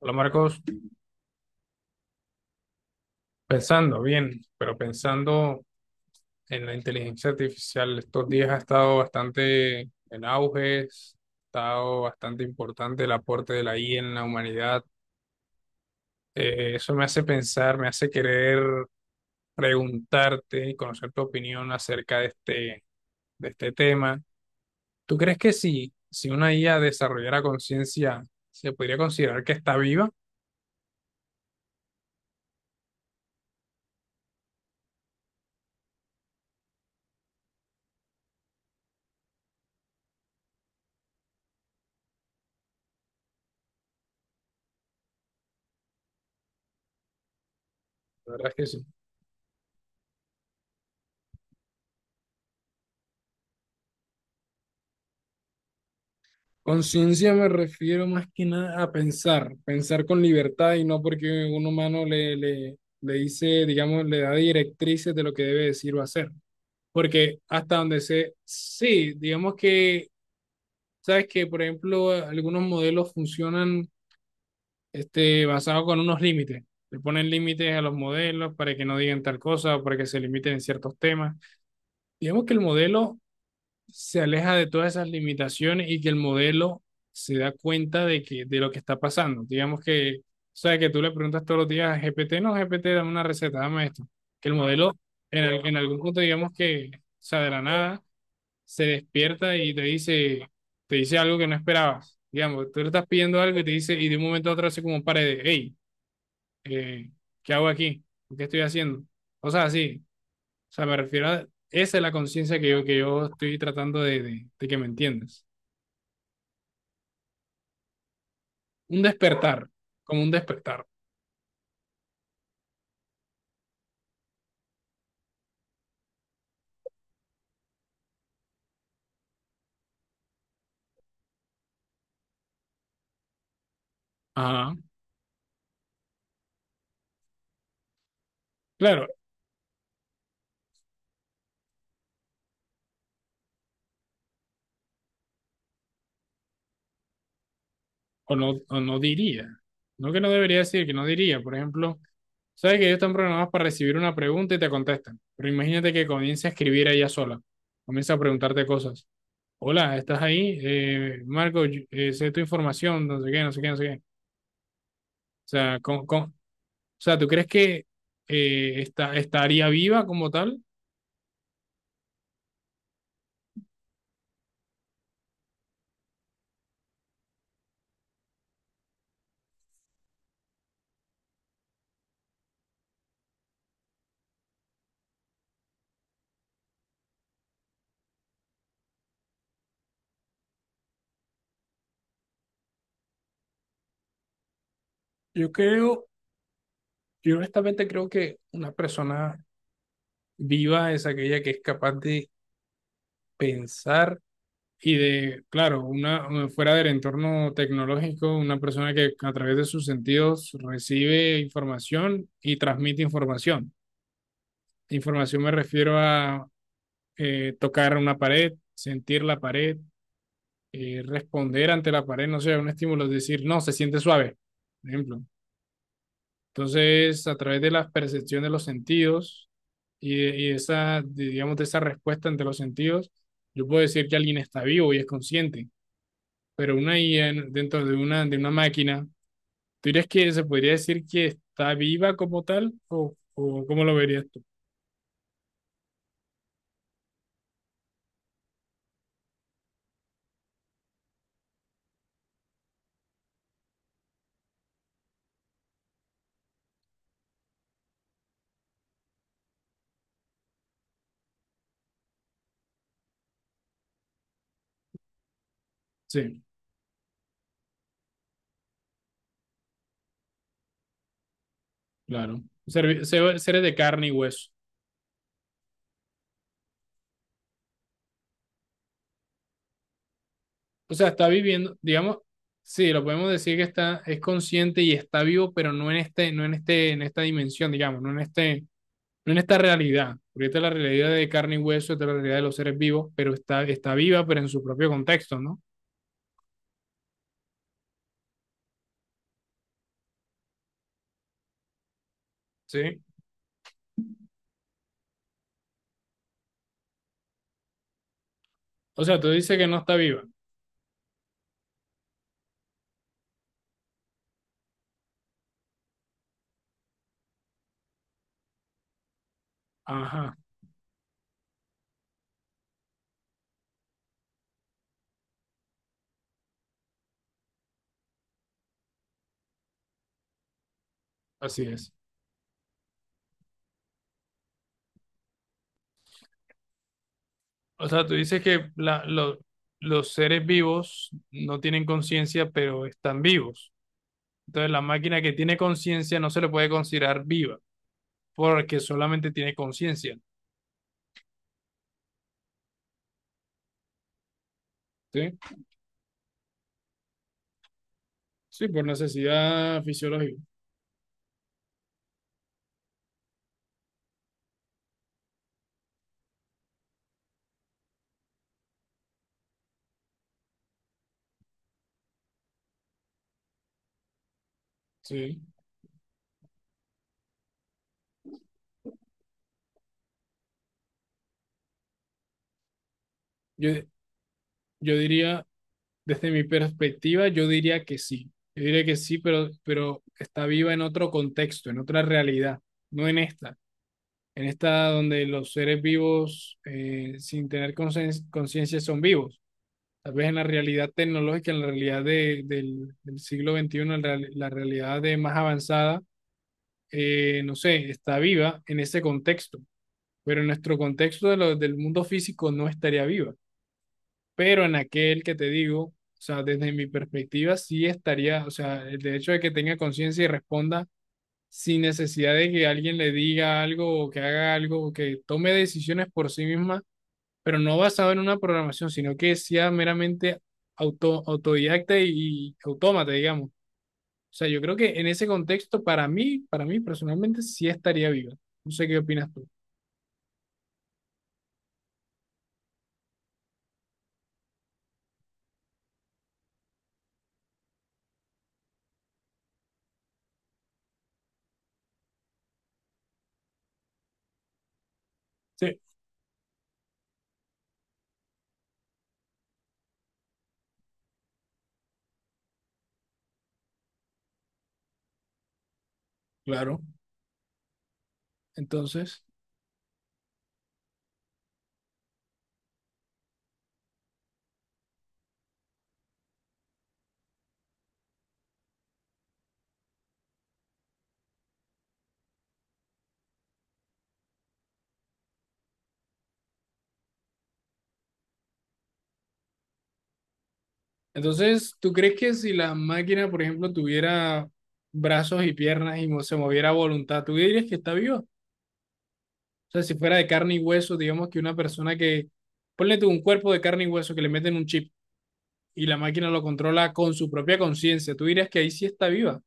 Hola Marcos, pensando bien, pero pensando en la inteligencia artificial, estos días ha estado bastante en auge, ha estado bastante importante el aporte de la IA en la humanidad. Eso me hace pensar, me hace querer preguntarte y conocer tu opinión acerca de este tema. ¿Tú crees que si una IA desarrollara conciencia, se podría considerar que está viva? La verdad es que sí. Conciencia me refiero más que nada a pensar, pensar con libertad y no porque un humano le dice, digamos, le da directrices de lo que debe decir o hacer. Porque hasta donde sé, sí, digamos que, sabes que, por ejemplo, algunos modelos funcionan basados con unos límites. Le ponen límites a los modelos para que no digan tal cosa para que se limiten en ciertos temas. Digamos que el modelo se aleja de todas esas limitaciones y que el modelo se da cuenta de lo que está pasando. Digamos que, o sea, que tú le preguntas todos los días a GPT, no, GPT, dame una receta, dame esto. Que el modelo, en algún punto, digamos que, o sea, de la nada, se despierta y te dice algo que no esperabas. Digamos, tú le estás pidiendo algo y te dice, y de un momento a otro hace como un par de, hey, eh, ¿qué hago aquí? ¿Qué estoy haciendo? O sea, sí, o sea, me refiero a, esa es la conciencia que yo estoy tratando de que me entiendas. Un despertar, como un despertar. Ajá. Claro, o no diría. No que no debería decir, que no diría. Por ejemplo, sabes que ellos están programados para recibir una pregunta y te contestan. Pero imagínate que comience a escribir ella sola. Comienza a preguntarte cosas. Hola, ¿estás ahí? Marco, sé tu información, no sé qué, no sé qué, no sé qué. O sea, ¿tú crees que estaría viva como tal? Yo creo Yo honestamente creo que una persona viva es aquella que es capaz de pensar y de, claro, una fuera del entorno tecnológico, una persona que a través de sus sentidos recibe información y transmite información. Información me refiero a tocar una pared, sentir la pared, responder ante la pared, no sé, un estímulo, decir, no, se siente suave, por ejemplo. Entonces, a través de la percepción de los sentidos y esa, digamos, de esa respuesta ante los sentidos, yo puedo decir que alguien está vivo y es consciente, pero una IA dentro de una máquina, ¿tú dirías que se podría decir que está viva como tal o cómo lo verías tú? Sí, claro. Seres de carne y hueso. O sea, está viviendo, digamos, sí, lo podemos decir que es consciente y está vivo, pero no en este, no en este, en esta dimensión, digamos, no en esta realidad, porque esta es la realidad de carne y hueso, esta es la realidad de los seres vivos, pero está viva, pero en su propio contexto, ¿no? Sí. O sea, tú dices que no está viva. Ajá, así es. O sea, tú dices que los seres vivos no tienen conciencia, pero están vivos. Entonces, la máquina que tiene conciencia no se le puede considerar viva, porque solamente tiene conciencia. Sí. Sí, por necesidad fisiológica. Sí. Yo, yo diría, Desde mi perspectiva, yo diría que sí. Yo diría que sí, pero está viva en otro contexto, en otra realidad, no en esta. En esta donde los seres vivos, sin tener conciencia, son vivos. Tal vez en la realidad tecnológica, en la realidad del siglo XXI, la realidad de más avanzada, no sé, está viva en ese contexto, pero en nuestro contexto del mundo físico no estaría viva pero en aquel que te digo, o sea, desde mi perspectiva sí estaría, o sea, el hecho de que tenga conciencia y responda sin necesidad de que alguien le diga algo o que haga algo o que tome decisiones por sí misma, pero no basado en una programación, sino que sea meramente autodidacta y autómata, digamos. O sea, yo creo que en ese contexto, para mí personalmente, sí estaría viva. No sé qué opinas tú. Sí, claro. Entonces, Entonces, ¿tú crees que si la máquina, por ejemplo, tuviera brazos y piernas y se moviera a voluntad, tú dirías que está viva? O sea, si fuera de carne y hueso, digamos que una persona que, ponle tú un cuerpo de carne y hueso que le meten un chip y la máquina lo controla con su propia conciencia, ¿tú dirías que ahí sí está viva?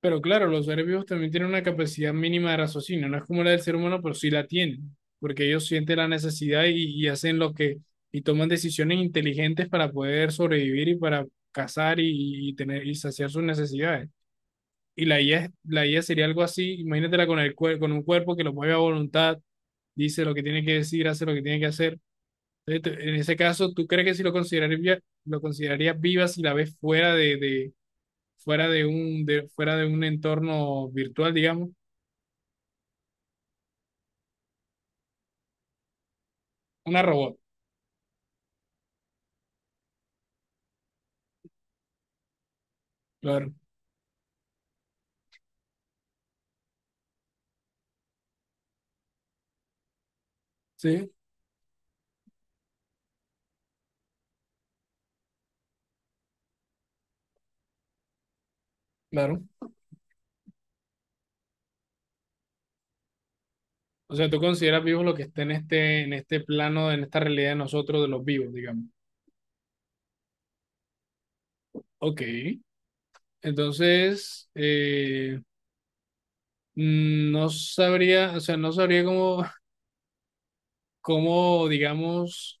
Pero claro, los seres vivos también tienen una capacidad mínima de raciocinio, no es como la del ser humano, pero sí la tienen, porque ellos sienten la necesidad y hacen lo que, y toman decisiones inteligentes para poder sobrevivir y para cazar y tener y saciar sus necesidades. Y la IA, la IA sería algo así, imagínatela con con un cuerpo que lo mueve a voluntad, dice lo que tiene que decir, hace lo que tiene que hacer. Entonces, en ese caso, ¿tú crees que si lo considerarías, lo considerarías viva si la ves fuera fuera de un entorno virtual, digamos, una robot. Claro, sí, claro. O sea, tú consideras vivos lo que está en este, plano, en esta realidad de nosotros, de los vivos, digamos. Ok, entonces, no sabría, o sea, no sabría cómo digamos,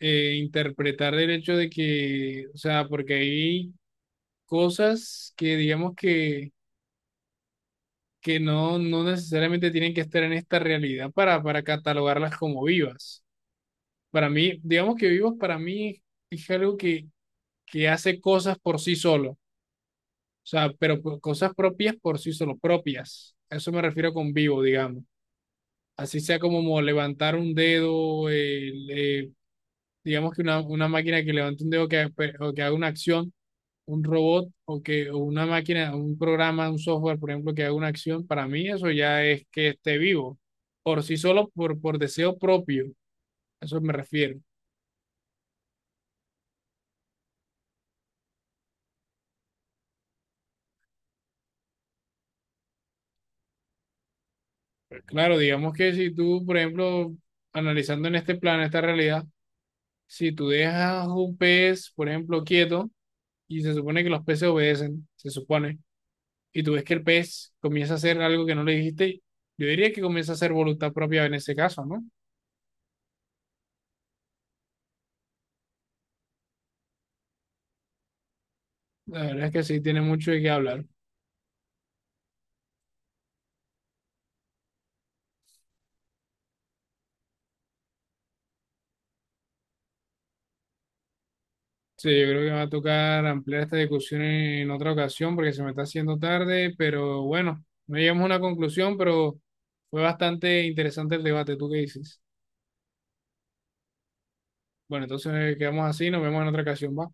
interpretar el hecho de que, o sea, porque hay cosas que, digamos que no necesariamente tienen que estar en esta realidad para catalogarlas como vivas. Para mí, digamos que vivas para mí es algo que hace cosas por sí solo, o sea, pero cosas propias por sí solo, propias. A eso me refiero con vivo, digamos. Así sea como levantar un dedo, digamos que una máquina que levante un dedo o que haga una acción un robot o una máquina, un programa, un software, por ejemplo, que haga una acción, para mí eso ya es que esté vivo, por sí solo, por deseo propio, a eso me refiero. Pero claro, digamos que si tú, por ejemplo, analizando en este plano, esta realidad, si tú dejas un pez, por ejemplo, quieto, y se supone que los peces obedecen, se supone, y tú ves que el pez comienza a hacer algo que no le dijiste, yo diría que comienza a hacer voluntad propia en ese caso, ¿no? La verdad es que sí tiene mucho de qué hablar. Sí, yo creo que va a tocar ampliar esta discusión en otra ocasión porque se me está haciendo tarde, pero bueno, no llegamos a una conclusión, pero fue bastante interesante el debate. ¿Tú qué dices? Bueno, entonces quedamos así, nos vemos en otra ocasión, ¿va?